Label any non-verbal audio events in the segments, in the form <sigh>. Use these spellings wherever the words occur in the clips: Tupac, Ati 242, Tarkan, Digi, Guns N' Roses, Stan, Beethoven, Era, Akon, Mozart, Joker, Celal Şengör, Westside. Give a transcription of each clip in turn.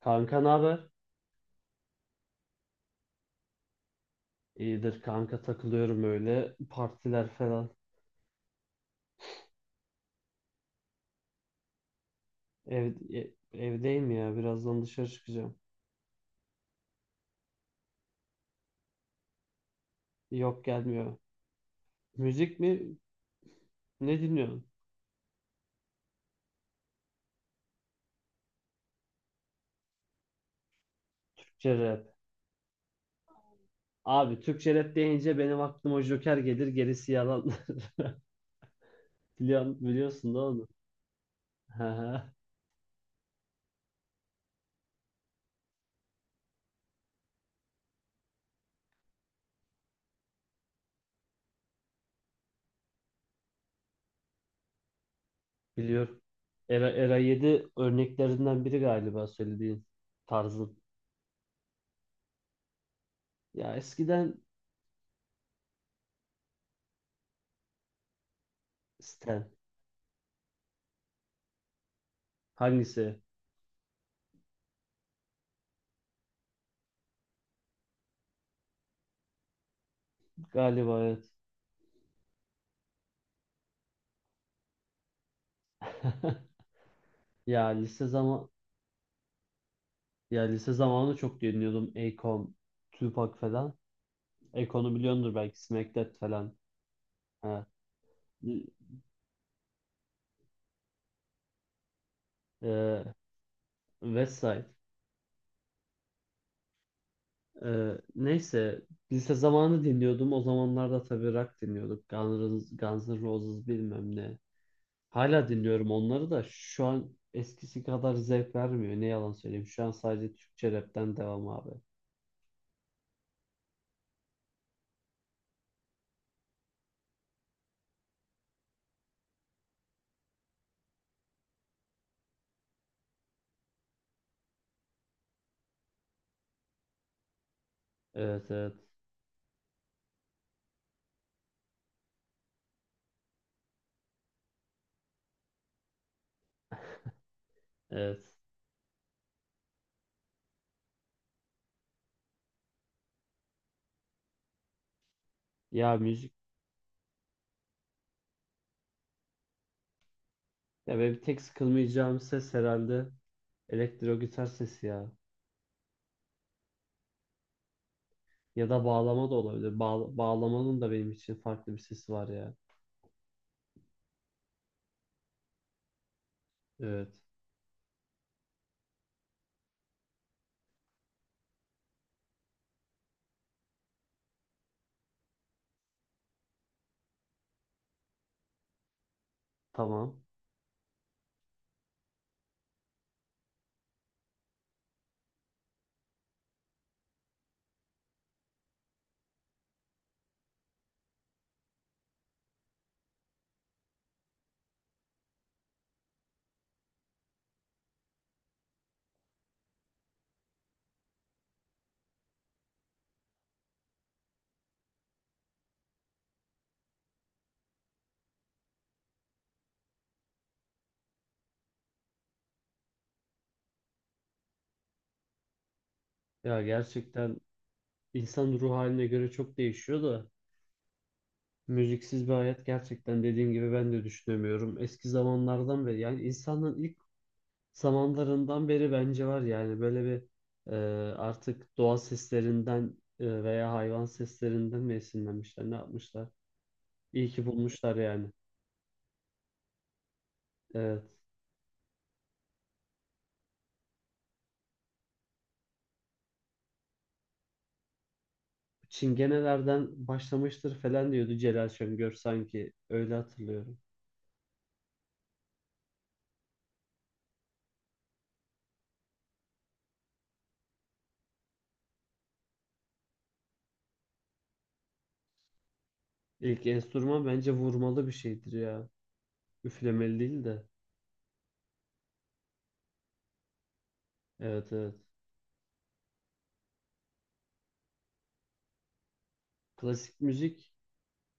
Kanka ne haber? İyidir kanka takılıyorum öyle. Partiler falan. Ev, e- Evdeyim ya. Birazdan dışarı çıkacağım. Yok gelmiyor. Müzik mi? Ne dinliyorsun? Türkçe rap. Abi Türkçe rap deyince benim aklıma Joker gelir, gerisi yalan. <laughs> Biliyorsun değil mi, onu? Hı hı. Biliyorum. Era 7 örneklerinden biri galiba, söylediğin tarzın. Ya eskiden Stan. Hangisi? Galiba evet. <laughs> Ya lise zaman Ya lise zamanı çok dinliyordum. Akon, Tupac falan. Akon'u biliyordur belki. Smack That falan. Ha. Eee Westside. Neyse. Lise zamanı dinliyordum. O zamanlarda tabii rock dinliyorduk. Guns N' Roses bilmem ne. Hala dinliyorum onları da şu an eskisi kadar zevk vermiyor. Ne yalan söyleyeyim. Şu an sadece Türkçe rapten devam abi. Evet, evet. Evet. Ya müzik. Ya benim tek sıkılmayacağım ses herhalde elektro gitar sesi ya. Ya da bağlama da olabilir. Bağlamanın da benim için farklı bir sesi var ya. Evet. Tamam. Ya gerçekten insan ruh haline göre çok değişiyor da müziksiz bir hayat gerçekten, dediğim gibi, ben de düşünemiyorum. Eski zamanlardan beri yani insanın ilk zamanlarından beri bence var yani böyle bir e, artık doğa seslerinden veya hayvan seslerinden mi esinlenmişler, ne yapmışlar? İyi ki bulmuşlar yani. Evet. Çingenelerden başlamıştır falan diyordu Celal Şengör sanki. Öyle hatırlıyorum. İlk enstrüman bence vurmalı bir şeydir ya. Üflemeli değil de. Evet, evet. Klasik müzik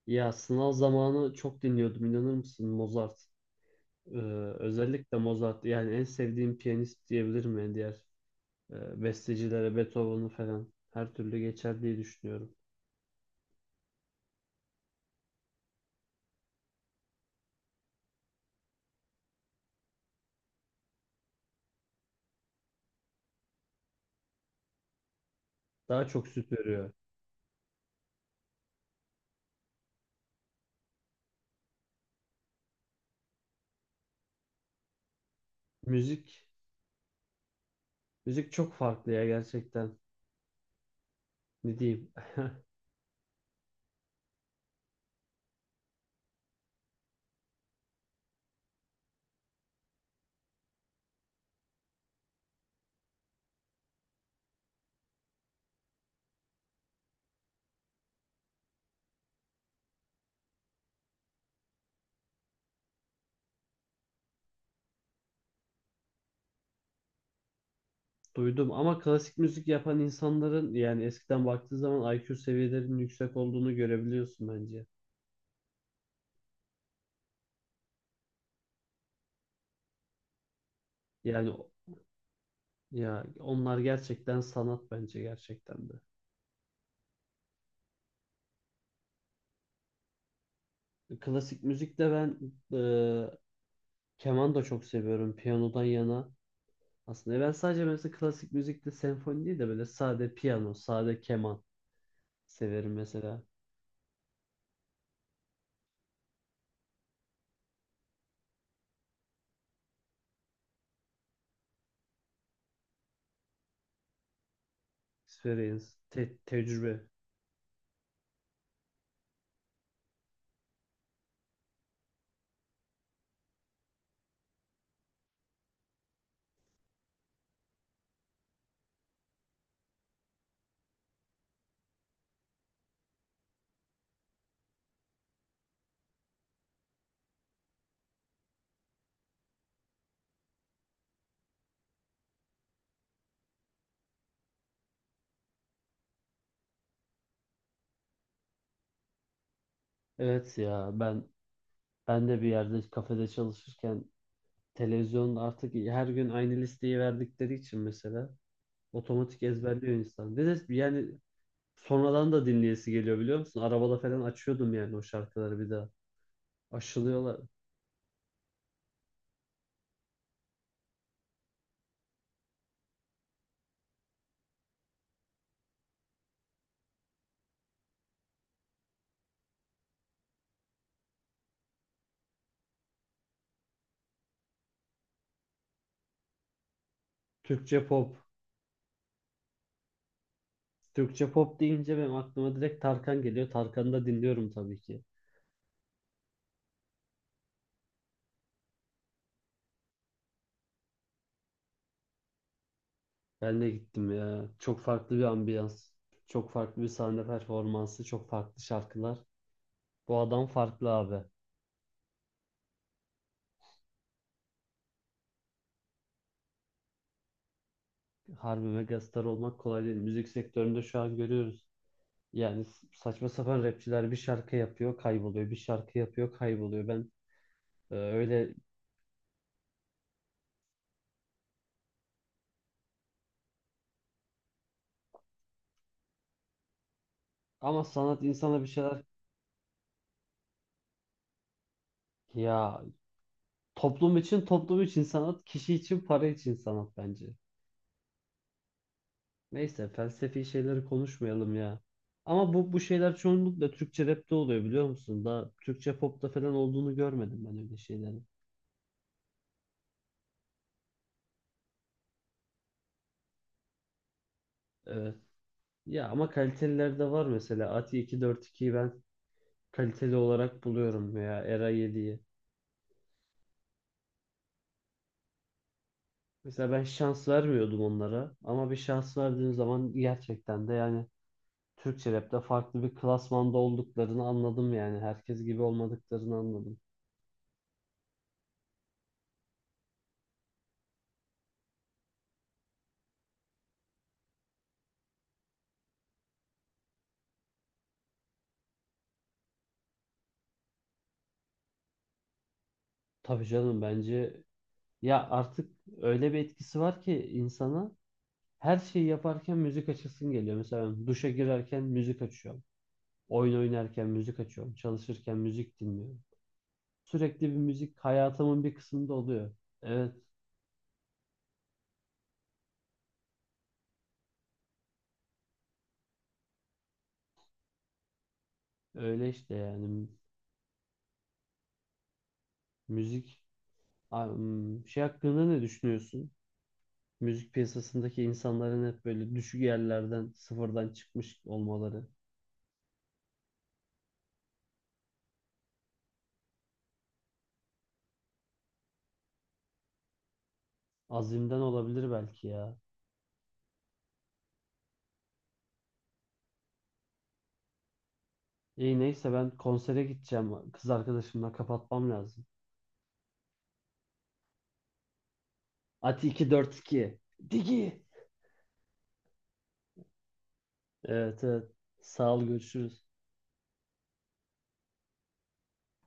ya sınav zamanı çok dinliyordum, inanır mısın, Mozart. Ee, özellikle Mozart, yani en sevdiğim piyanist diyebilirim yani diğer bestecilere, Beethoven'ı falan her türlü geçer diye düşünüyorum. Daha çok süpürüyor. Müzik müzik çok farklı ya gerçekten. Ne diyeyim? Duydum ama klasik müzik yapan insanların yani eskiden baktığı zaman IQ seviyelerinin yüksek olduğunu görebiliyorsun bence. Yani o- ya onlar gerçekten sanat bence, gerçekten de. Klasik müzikte ben e, keman da çok seviyorum piyanodan yana. Aslında ben sadece mesela klasik müzikte senfoni değil de böyle sade piyano, sade keman severim mesela. Experience, tecrübe. Evet ya, ben de bir yerde kafede çalışırken televizyonda artık her gün aynı listeyi verdikleri için mesela otomatik ezberliyor insan. Ve de yani sonradan da dinleyesi geliyor, biliyor musun? Arabada falan açıyordum yani o şarkıları bir daha. Aşılıyorlar. Türkçe pop. Türkçe pop deyince benim aklıma direkt Tarkan geliyor. Tarkan'ı da dinliyorum tabii ki. Ben de gittim ya. Çok farklı bir ambiyans. Çok farklı bir sahne performansı. Çok farklı şarkılar. Bu adam farklı abi. Harbi megastar olmak kolay değil. Müzik sektöründe şu an görüyoruz. Yani saçma sapan rapçiler bir şarkı yapıyor, kayboluyor. Bir şarkı yapıyor, kayboluyor. Ben öyle ama sanat insana bir şeyler, ya toplum için sanat, kişi için para için sanat bence. Neyse, felsefi şeyleri konuşmayalım ya. Ama bu şeyler çoğunlukla Türkçe rap'te oluyor, biliyor musun? Daha Türkçe pop'ta falan olduğunu görmedim ben öyle şeylerin. Evet. Ya ama kaliteliler de var mesela. Ati 242'yi ben kaliteli olarak buluyorum veya Era 7'yi. Mesela ben şans vermiyordum onlara ama bir şans verdiğim zaman gerçekten de yani Türkçe rapte farklı bir klasmanda olduklarını anladım, yani herkes gibi olmadıklarını anladım. Tabii canım, bence ya artık öyle bir etkisi var ki insana her şeyi yaparken müzik açasın geliyor. Mesela ben duşa girerken müzik açıyorum. Oyun oynarken müzik açıyorum. Çalışırken müzik dinliyorum. Sürekli bir müzik hayatımın bir kısmında oluyor. Evet, öyle işte yani müzik. Şey hakkında ne düşünüyorsun? Müzik piyasasındaki insanların hep böyle düşük yerlerden, sıfırdan çıkmış olmaları. Azimden olabilir belki ya. İyi, neyse, ben konsere gideceğim. Kız arkadaşımla kapatmam lazım. Ati 242. Digi. Evet, evet. Sağ ol, görüşürüz.